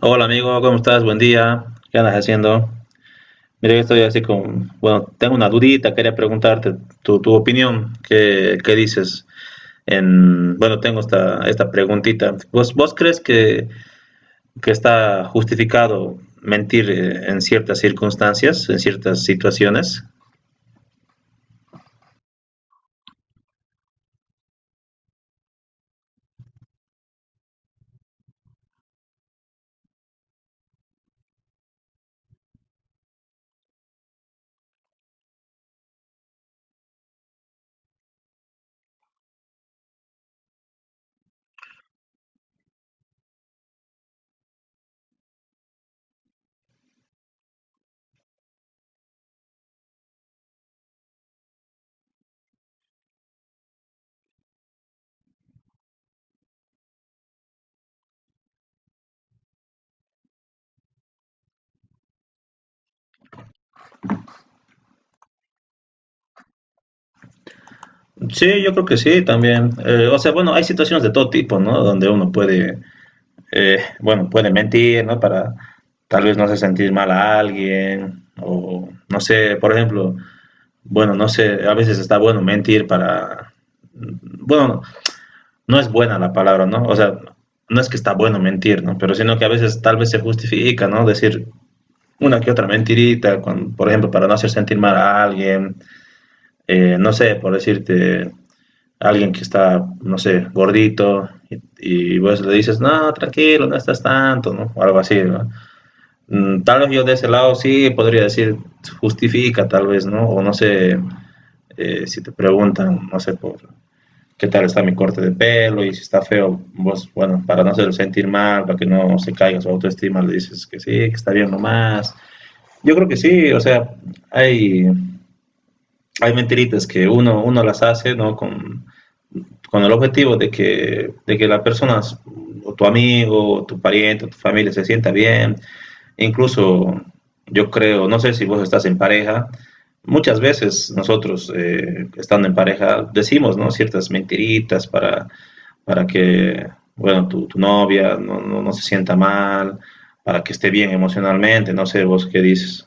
Hola amigo, ¿cómo estás? Buen día. ¿Qué andas haciendo? Mira, yo estoy así con, bueno, tengo una dudita, quería preguntarte tu opinión, ¿qué dices? En, bueno, tengo esta preguntita. ¿Vos crees que está justificado mentir en ciertas circunstancias, en ciertas situaciones? Sí, yo creo que sí, también. O sea, bueno, hay situaciones de todo tipo, ¿no? Donde uno puede bueno, puede mentir, ¿no? Para tal vez no hacer sentir mal a alguien, o no sé, por ejemplo, bueno, no sé, a veces está bueno mentir para, bueno, no es buena la palabra, ¿no? O sea, no es que está bueno mentir, ¿no? Pero sino que a veces tal vez se justifica, ¿no? Decir una que otra mentirita, con, por ejemplo, para no hacer sentir mal a alguien, no sé, por decirte, alguien que está, no sé, gordito, y vos le dices, no, tranquilo, no estás tanto, ¿no? O algo así, ¿no? Mm, tal vez yo de ese lado sí podría decir justifica, tal vez, ¿no? O no sé, si te preguntan, no sé por qué tal está mi corte de pelo y si está feo, vos, bueno, para no hacerlo sentir mal, para que no se caiga su autoestima, le dices que sí, que está bien nomás. Yo creo que sí, o sea, hay, hay mentiritas que uno las hace, ¿no? Con el objetivo de que la persona, o tu amigo, o tu pariente, o tu familia se sienta bien. Incluso yo creo, no sé si vos estás en pareja, muchas veces nosotros estando en pareja decimos, ¿no?, ciertas mentiritas para que bueno, tu novia no se sienta mal, para que esté bien emocionalmente, no sé vos qué dices.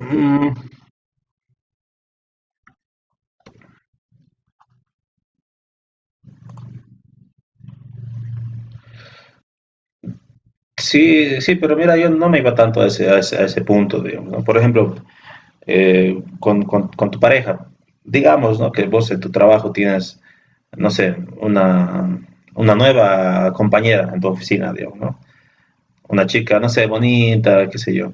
Mm, sí, sí, pero mira, yo no me iba tanto a ese, a ese, a ese punto, digamos, ¿no? Por ejemplo, con tu pareja. Digamos, ¿no? Que vos en tu trabajo tienes, no sé, una, una nueva compañera en tu oficina, digamos, ¿no? Una chica, no sé, bonita, qué sé yo.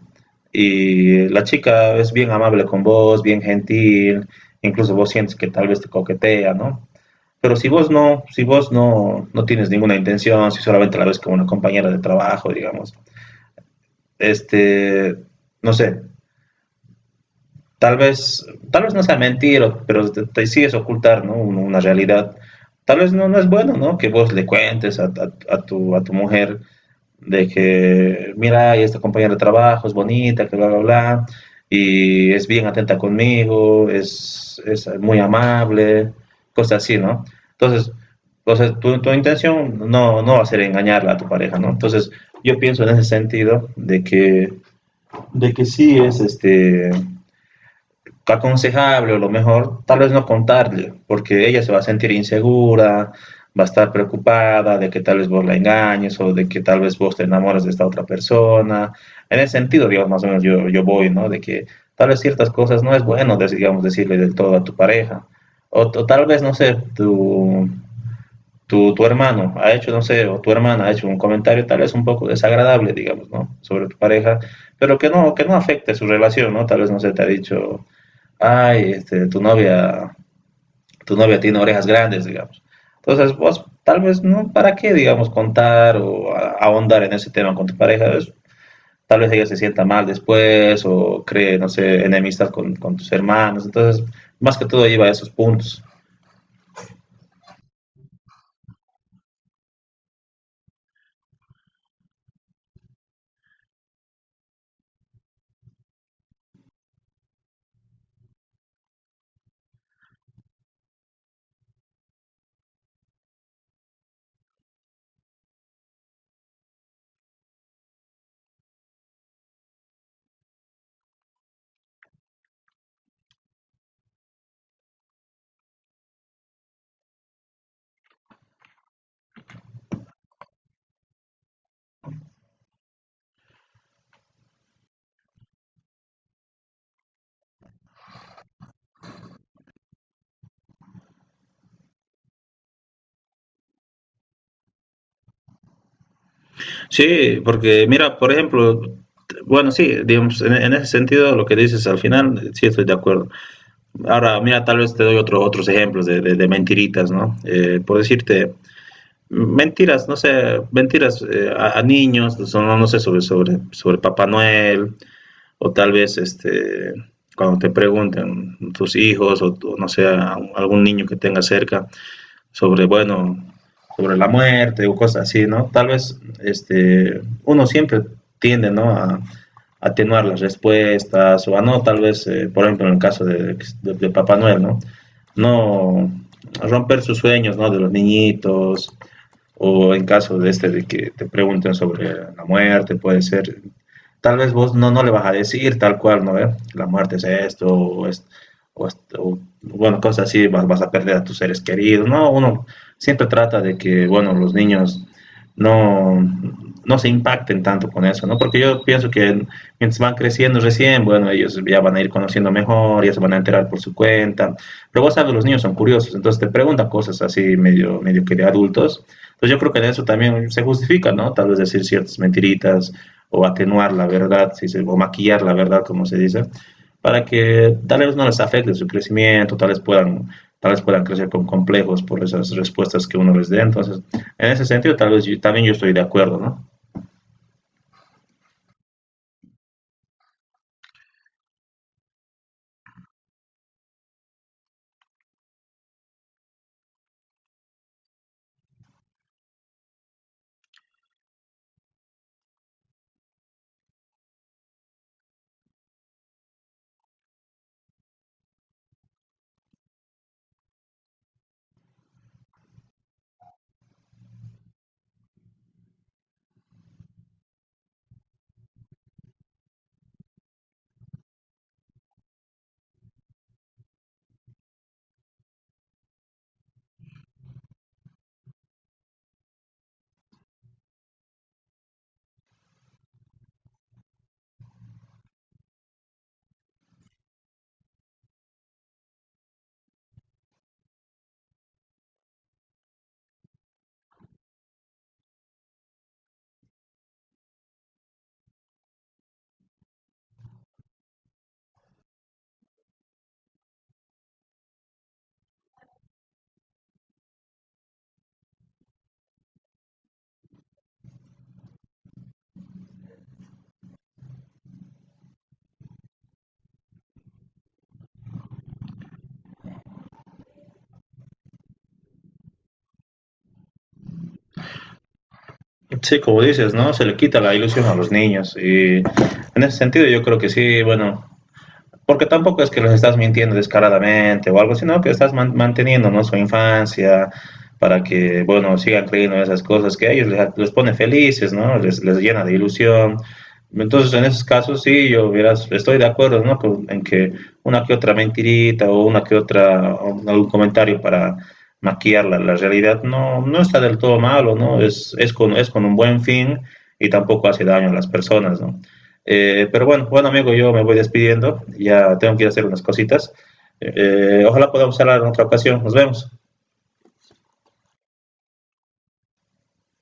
Y la chica es bien amable con vos, bien gentil, incluso vos sientes que tal vez te coquetea, ¿no? Pero si vos no, si vos no, no tienes ninguna intención, si solamente la ves como una compañera de trabajo, digamos, este, no sé, tal vez, tal vez no sea mentira, pero te sí ocultar, ¿no? Una realidad. Tal vez no, no es bueno, ¿no? Que vos le cuentes a tu, a tu mujer de que, mira, y esta compañera de trabajo es bonita, que bla, bla, bla, y es bien atenta conmigo, es muy amable, cosas así, ¿no? Entonces, o sea, tu intención no, no va a ser engañarla a tu pareja, ¿no? Entonces, yo pienso en ese sentido de que sí es aconsejable o lo mejor tal vez no contarle, porque ella se va a sentir insegura, va a estar preocupada de que tal vez vos la engañes o de que tal vez vos te enamoras de esta otra persona. En ese sentido, digamos, más o menos yo voy, ¿no? De que tal vez ciertas cosas no es bueno, digamos, decirle del todo a tu pareja. O tal vez, no sé, tu tu hermano ha hecho, no sé, o tu hermana ha hecho un comentario tal vez un poco desagradable, digamos, ¿no? Sobre tu pareja, pero que no afecte su relación, ¿no? Tal vez, no sé, te ha dicho, ay, este, tu novia tiene orejas grandes, digamos. Entonces, vos tal vez, ¿no? ¿Para qué, digamos, contar o a- ahondar en ese tema con tu pareja? Es- tal vez ella se sienta mal después o cree, no sé, enemistad con tus hermanos. Entonces, más que todo lleva a esos puntos. Sí, porque mira, por ejemplo, bueno, sí, digamos, en ese sentido lo que dices al final, sí estoy de acuerdo. Ahora, mira, tal vez te doy otro- otros ejemplos de mentiritas, ¿no? Por decirte, mentiras, no sé, mentiras a niños, son, no, no sé, sobre Papá Noel, o tal vez, este, cuando te pregunten tus hijos, o, tu- no sé, a un- algún niño que tengas cerca, sobre, bueno, sobre la muerte o cosas así, ¿no? Tal vez este, uno siempre tiende, ¿no? A atenuar las respuestas o a no, tal vez, por ejemplo, en el caso de Papá Noel, ¿no? No romper sus sueños, ¿no? De los niñitos o en caso de este de que te pregunten sobre la muerte, puede ser tal vez vos no, no le vas a decir tal cual, ¿no? ¿Eh? La muerte es esto, o, es, o, o, bueno, cosas así, vas, vas a perder a tus seres queridos, ¿no? Uno siempre trata de que, bueno, los niños no, no se impacten tanto con eso, ¿no? Porque yo pienso que mientras van creciendo recién, bueno, ellos ya van a ir conociendo mejor, ya se van a enterar por su cuenta. Pero vos sabes, los niños son curiosos, entonces te preguntan cosas así medio, medio que de adultos. Entonces yo creo que en eso también se justifica, ¿no? Tal vez decir ciertas mentiritas, o atenuar la verdad, si se, o maquillar la verdad, como se dice, para que tal vez no les afecte su crecimiento, tal vez puedan crecer con complejos por esas respuestas que uno les dé. Entonces, en ese sentido, también yo estoy de acuerdo, ¿no? Sí, como dices, ¿no? Se le quita la ilusión a los niños y en ese sentido yo creo que sí, bueno, porque tampoco es que los estás mintiendo descaradamente o algo, sino que estás man- manteniendo, ¿no?, su infancia para que, bueno, sigan creyendo en esas cosas que a ellos les pone felices, ¿no? Les llena de ilusión. Entonces, en esos casos, sí, yo verás, estoy de acuerdo, ¿no? Con- en que una que otra mentirita o una que otra, o algún comentario para maquillar la, la realidad no, no está del todo malo, ¿no? Es con un buen fin y tampoco hace daño a las personas, ¿no? Pero bueno, bueno amigo, yo me voy despidiendo, ya tengo que ir a hacer unas cositas. Ojalá podamos hablar en otra ocasión, nos vemos.